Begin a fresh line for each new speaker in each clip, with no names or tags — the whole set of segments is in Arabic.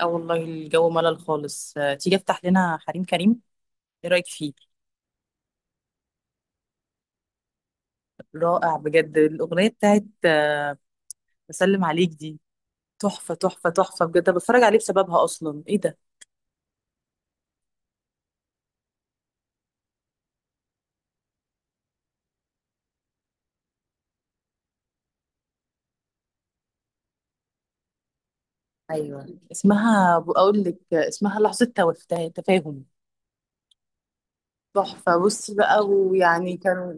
اه والله الجو ملل خالص، تيجي افتح لنا حريم كريم. ايه رايك فيه؟ رائع بجد الاغنيه بتاعت بسلم عليك دي تحفه تحفه تحفه بجد. أنا بتفرج عليه بسببها اصلا، ايه ده؟ ايوه، اسمها بقول لك، اسمها لحظه توفاه تفاهم. تحفه، بص بقى، ويعني كانوا.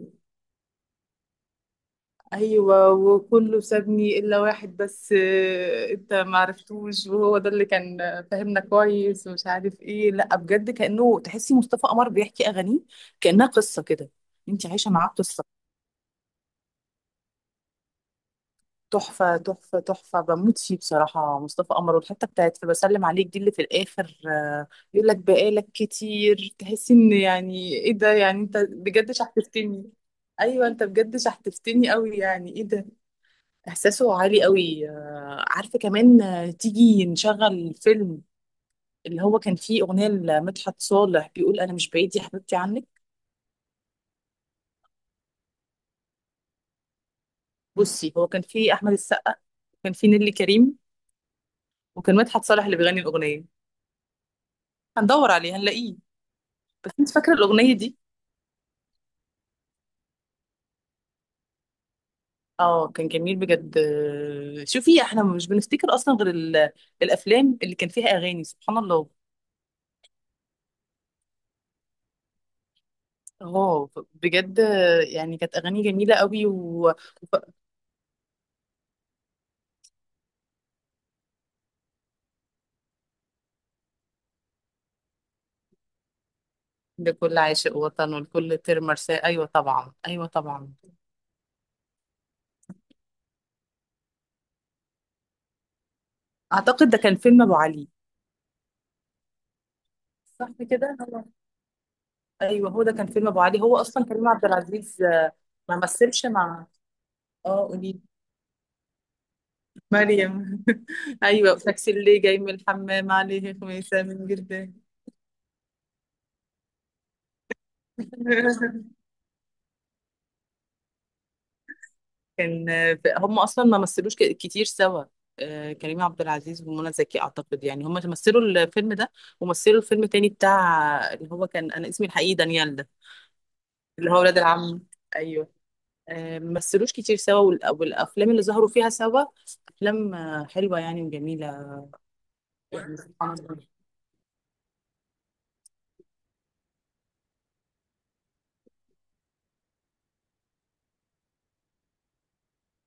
ايوه، وكله سابني الا واحد بس، انت ما عرفتوش، وهو ده اللي كان، فاهمنا كويس ومش عارف ايه. لا بجد، كانه تحسي مصطفى قمر بيحكي اغانيه، كانها قصه كده، انت عايشه معاه قصه. تحفه تحفه تحفه، بموت فيه بصراحه مصطفى قمر، والحته بتاعت في بسلم عليك دي اللي في الاخر، يقول لك بقالك كتير، تحسي ان يعني ايه ده، يعني انت بجد شحتفتني؟ ايوه، انت بجد شحتفتني قوي، يعني ايه ده. احساسه عالي قوي، عارفه كمان، تيجي نشغل فيلم، اللي هو كان فيه اغنيه لمدحت صالح بيقول انا مش بعيد يا حبيبتي عنك. بصي، هو كان فيه احمد السقا، وكان فيه نيللي كريم، وكان مدحت صالح اللي بيغني الاغنيه. هندور عليه هنلاقيه. بس انت فاكره الاغنيه دي؟ اه، كان جميل بجد. شوفي، احنا مش بنفتكر اصلا غير الافلام اللي كان فيها اغاني، سبحان الله. اه بجد، يعني كانت اغاني جميله قوي. لكل عاشق وطن ولكل طير مرساه، ايوه طبعا، ايوه طبعا. اعتقد ده كان فيلم ابو علي. صح كده هو. ايوه، هو ده كان فيلم ابو علي، هو اصلا كريم عبد العزيز ما مثلش مع. اه قولي. مريم ايوه، تاكسي اللي جاي من الحمام عليه خميسه من جردان. كان، هم اصلا ما مثلوش كتير سوا، كريم عبد العزيز ومنى زكي، اعتقد يعني هم مثلوا الفيلم ده ومثلوا الفيلم تاني بتاع، اللي هو كان انا اسمي الحقيقي دانيال ده، اللي هو ولاد العم. ايوه. ممثلوش كتير سوا، والافلام اللي ظهروا فيها سوا افلام حلوه يعني وجميله. يعني سبحان الله.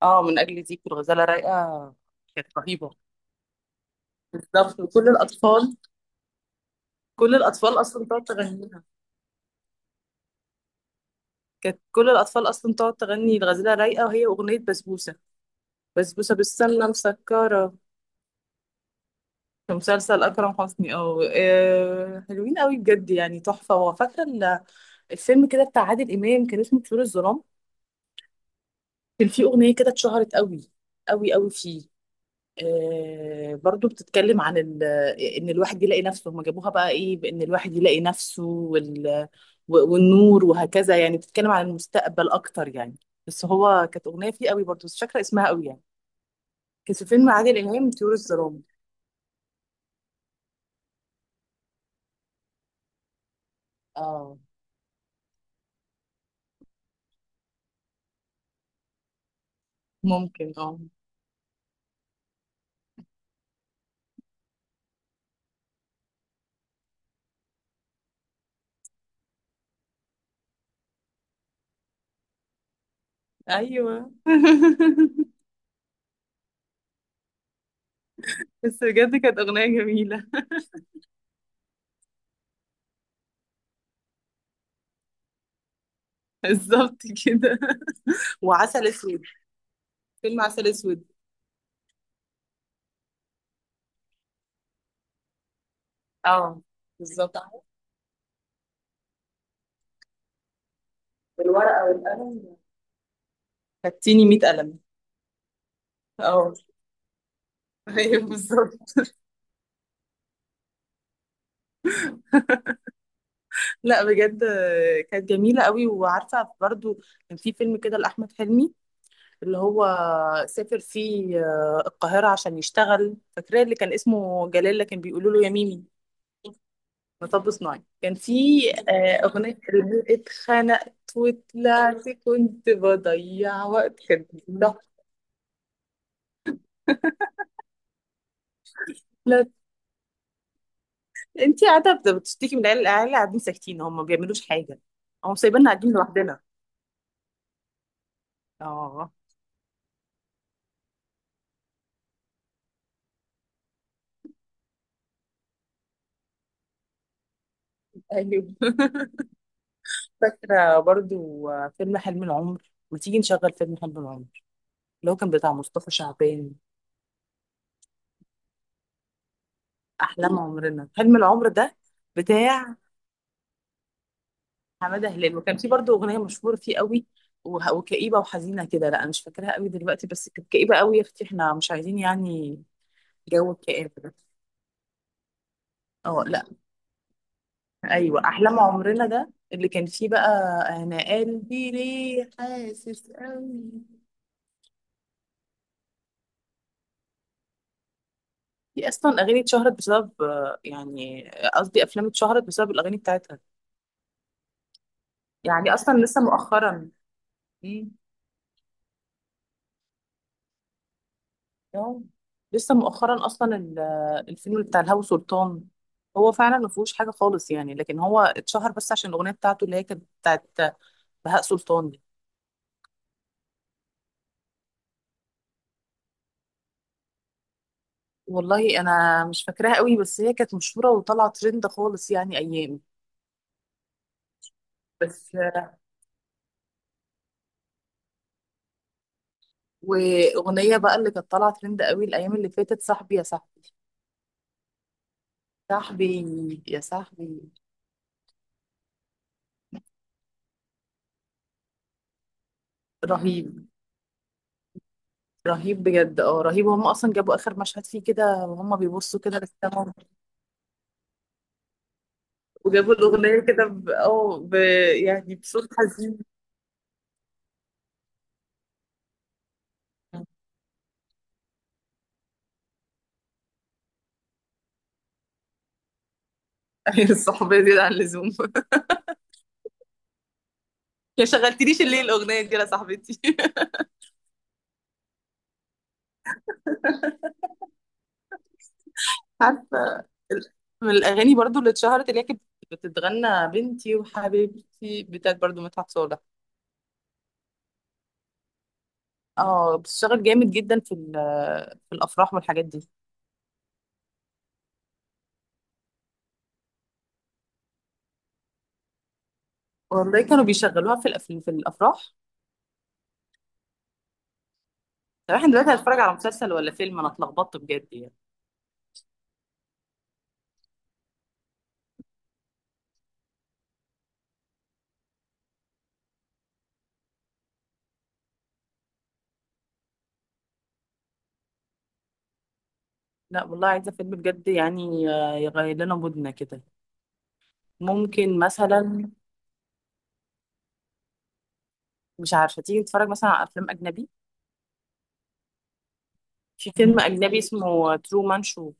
اه، من اجل ديك، والغزاله رايقه كانت رهيبه. بالظبط، وكل الاطفال، كل الاطفال اصلا تقعد تغنيها. كانت كل الاطفال اصلا تقعد تغني الغزاله رايقه. وهي اغنيه بسبوسه، بسبوسه بالسمنه مسكره، في مسلسل اكرم حسني. اه، حلوين قوي بجد يعني تحفه. وفاكره الفيلم كده بتاع عادل امام، كان اسمه طيور الظلام. كان في أغنية كده اتشهرت قوي قوي قوي فيه، آه برضو بتتكلم عن إن الواحد يلاقي نفسه، هما جابوها بقى إيه، بإن الواحد يلاقي نفسه، والنور وهكذا، يعني بتتكلم عن المستقبل أكتر يعني. بس هو كانت أغنية فيه قوي برضو، بس مش فاكرة اسمها قوي يعني. كان في فيلم عادل إمام طيور الظلام. اه، ممكن. اه، ايوه. بس بجد كانت أغنية جميلة. بالظبط كده. وعسل أسود، فيلم عسل أسود. اه، بالظبط. بالورقة والقلم، خدتيني 100 قلم. اه. ايوه بالظبط. لا بجد، كانت جميلة قوي. وعارفة برضو، كان في فيلم كده لأحمد حلمي، اللي هو سافر فيه القاهرة عشان يشتغل، فاكراه اللي كان اسمه جلال لكن بيقولوا له يا ميمي؟ مطب صناعي. كان في أغنية اللي اتخنقت وطلعت كنت بضيع وقت، كانت بتضحك. لا، انتي قاعدة بتشتكي من العيال، العيال قاعدين ساكتين، هم ما بيعملوش حاجة، هم سايبيننا قاعدين لوحدنا. اه، ايوه. فاكرة برضو فيلم حلم العمر؟ ما تيجي نشغل فيلم حلم العمر، اللي هو كان بتاع مصطفى شعبان. أحلام عمرنا، حلم العمر ده بتاع حمادة هلال، وكان في برضو أغنية مشهورة فيه قوي وكئيبة وحزينة كده. لا أنا مش فاكراها قوي دلوقتي، بس كانت كئيبة قوي. يا أختي احنا مش عايزين يعني جو الكآبة ده. اه لا. أيوة، أحلام عمرنا ده اللي كان فيه بقى أنا قلبي ليه حاسس قوي. في اصلا اغاني اتشهرت بسبب، يعني قصدي افلام اتشهرت بسبب الاغاني بتاعتها. يعني اصلا لسه مؤخرا. مم. آه. لسه مؤخرا اصلا الفيلم بتاع الهوى سلطان، هو فعلا ما فيهوش حاجه خالص يعني، لكن هو اتشهر بس عشان الاغنيه بتاعته اللي هي كانت بتاعت بهاء سلطان دي. والله انا مش فاكراها قوي، بس هي كانت مشهوره وطالعه ترند خالص يعني ايام. بس. واغنيه بقى اللي كانت طالعه ترند قوي الايام اللي فاتت، صاحبي يا صاحبي. صاحبي يا صاحبي. رهيب. رهيب بجد، اه رهيب. وهم اصلا جابوا اخر مشهد فيه كده وهم بيبصوا كده للسما، وجابوا الاغنيه كده يعني بصوت حزين. ايوه، الصحوبيه زياده عن اللزوم. يا شغلتليش الليل الاغنيه دي يا صاحبتي. عارفه ال- من الاغاني برضو اللي اتشهرت اللي هي كانت بتتغنى، بنتي وحبيبتي بتاعت برضو مدحت صالح. اه، بتشتغل جامد جدا في الافراح والحاجات دي. والله كانوا بيشغلوها في الافراح. طب احنا دلوقتي هنتفرج على مسلسل ولا فيلم؟ انا اتلخبطت بجد يعني. لا والله، عايزه فيلم بجد يعني، يغير لنا مودنا كده. ممكن مثلا، مش عارفه، تيجي نتفرج مثلا على افلام اجنبي؟ في فيلم اجنبي اسمه ترو مان شو،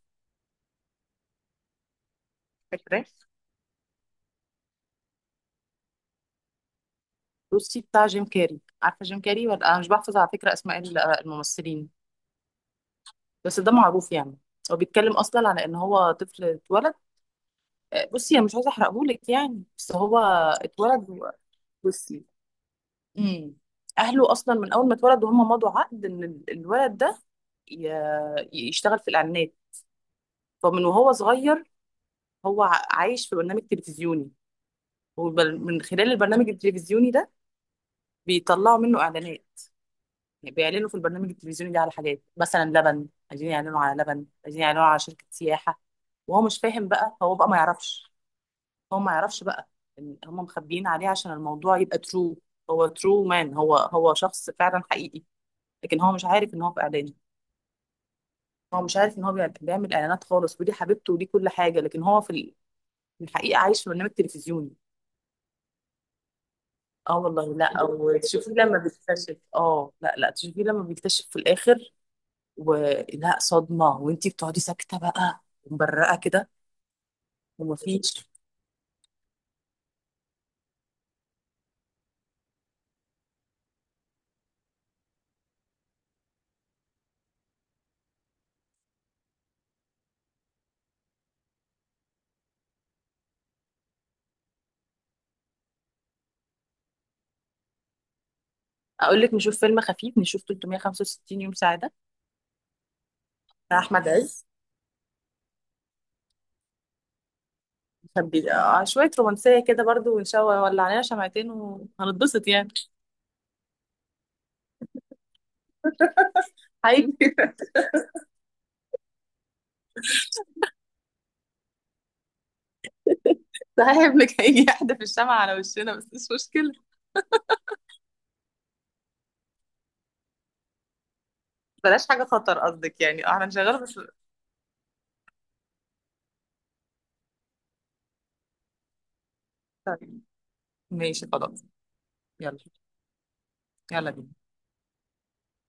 روسي بتاع جيم كاري. عارفه جيم كاري ولا؟ انا مش بحفظ على فكره اسماء الممثلين، بس ده معروف يعني. هو بيتكلم اصلا على ان هو طفل اتولد. بصي انا مش عايزه احرقهولك يعني، بس هو اتولد بصي، امم اهله اصلا من اول ما اتولد وهم مضوا عقد ان الولد ده يشتغل في الاعلانات. فمن وهو صغير هو عايش في برنامج تلفزيوني، ومن خلال البرنامج التلفزيوني ده بيطلعوا منه اعلانات. يعني بيعلنوا في البرنامج التلفزيوني ده على حاجات، مثلا لبن عايزين يعلنوا على لبن، عايزين يعلنوا على شركة سياحة، وهو مش فاهم بقى، هو بقى ما يعرفش. هو ما يعرفش بقى إن هم مخبيين عليه عشان الموضوع يبقى ترو. هو ترو مان، هو شخص فعلا حقيقي، لكن هو مش عارف ان هو في اعلان. هو مش عارف ان هو بيعمل اعلانات خالص، ودي حبيبته ودي كل حاجه، لكن هو في في الحقيقه عايش في برنامج تلفزيوني. اه والله، لا او تشوفيه لما بيكتشف، اه لا لا تشوفيه لما بيكتشف في الاخر، ولا صدمه، وانتي بتقعدي ساكته بقى ومبرقه كده ومفيش. اقول لك نشوف فيلم خفيف، نشوف 365 يوم سعاده بتاع احمد عز، كان شويه رومانسيه كده برضو، وان شاء الله ولع علينا شمعتين وهنتبسط يعني. هيجي. صاحب لك هيجي يحدف الشمعة على وشنا بس مش مشكله. بلاش حاجة خطر قصدك، يعني اه هنشغله بس. طيب، ماشي خلاص. يلا. يلا بينا.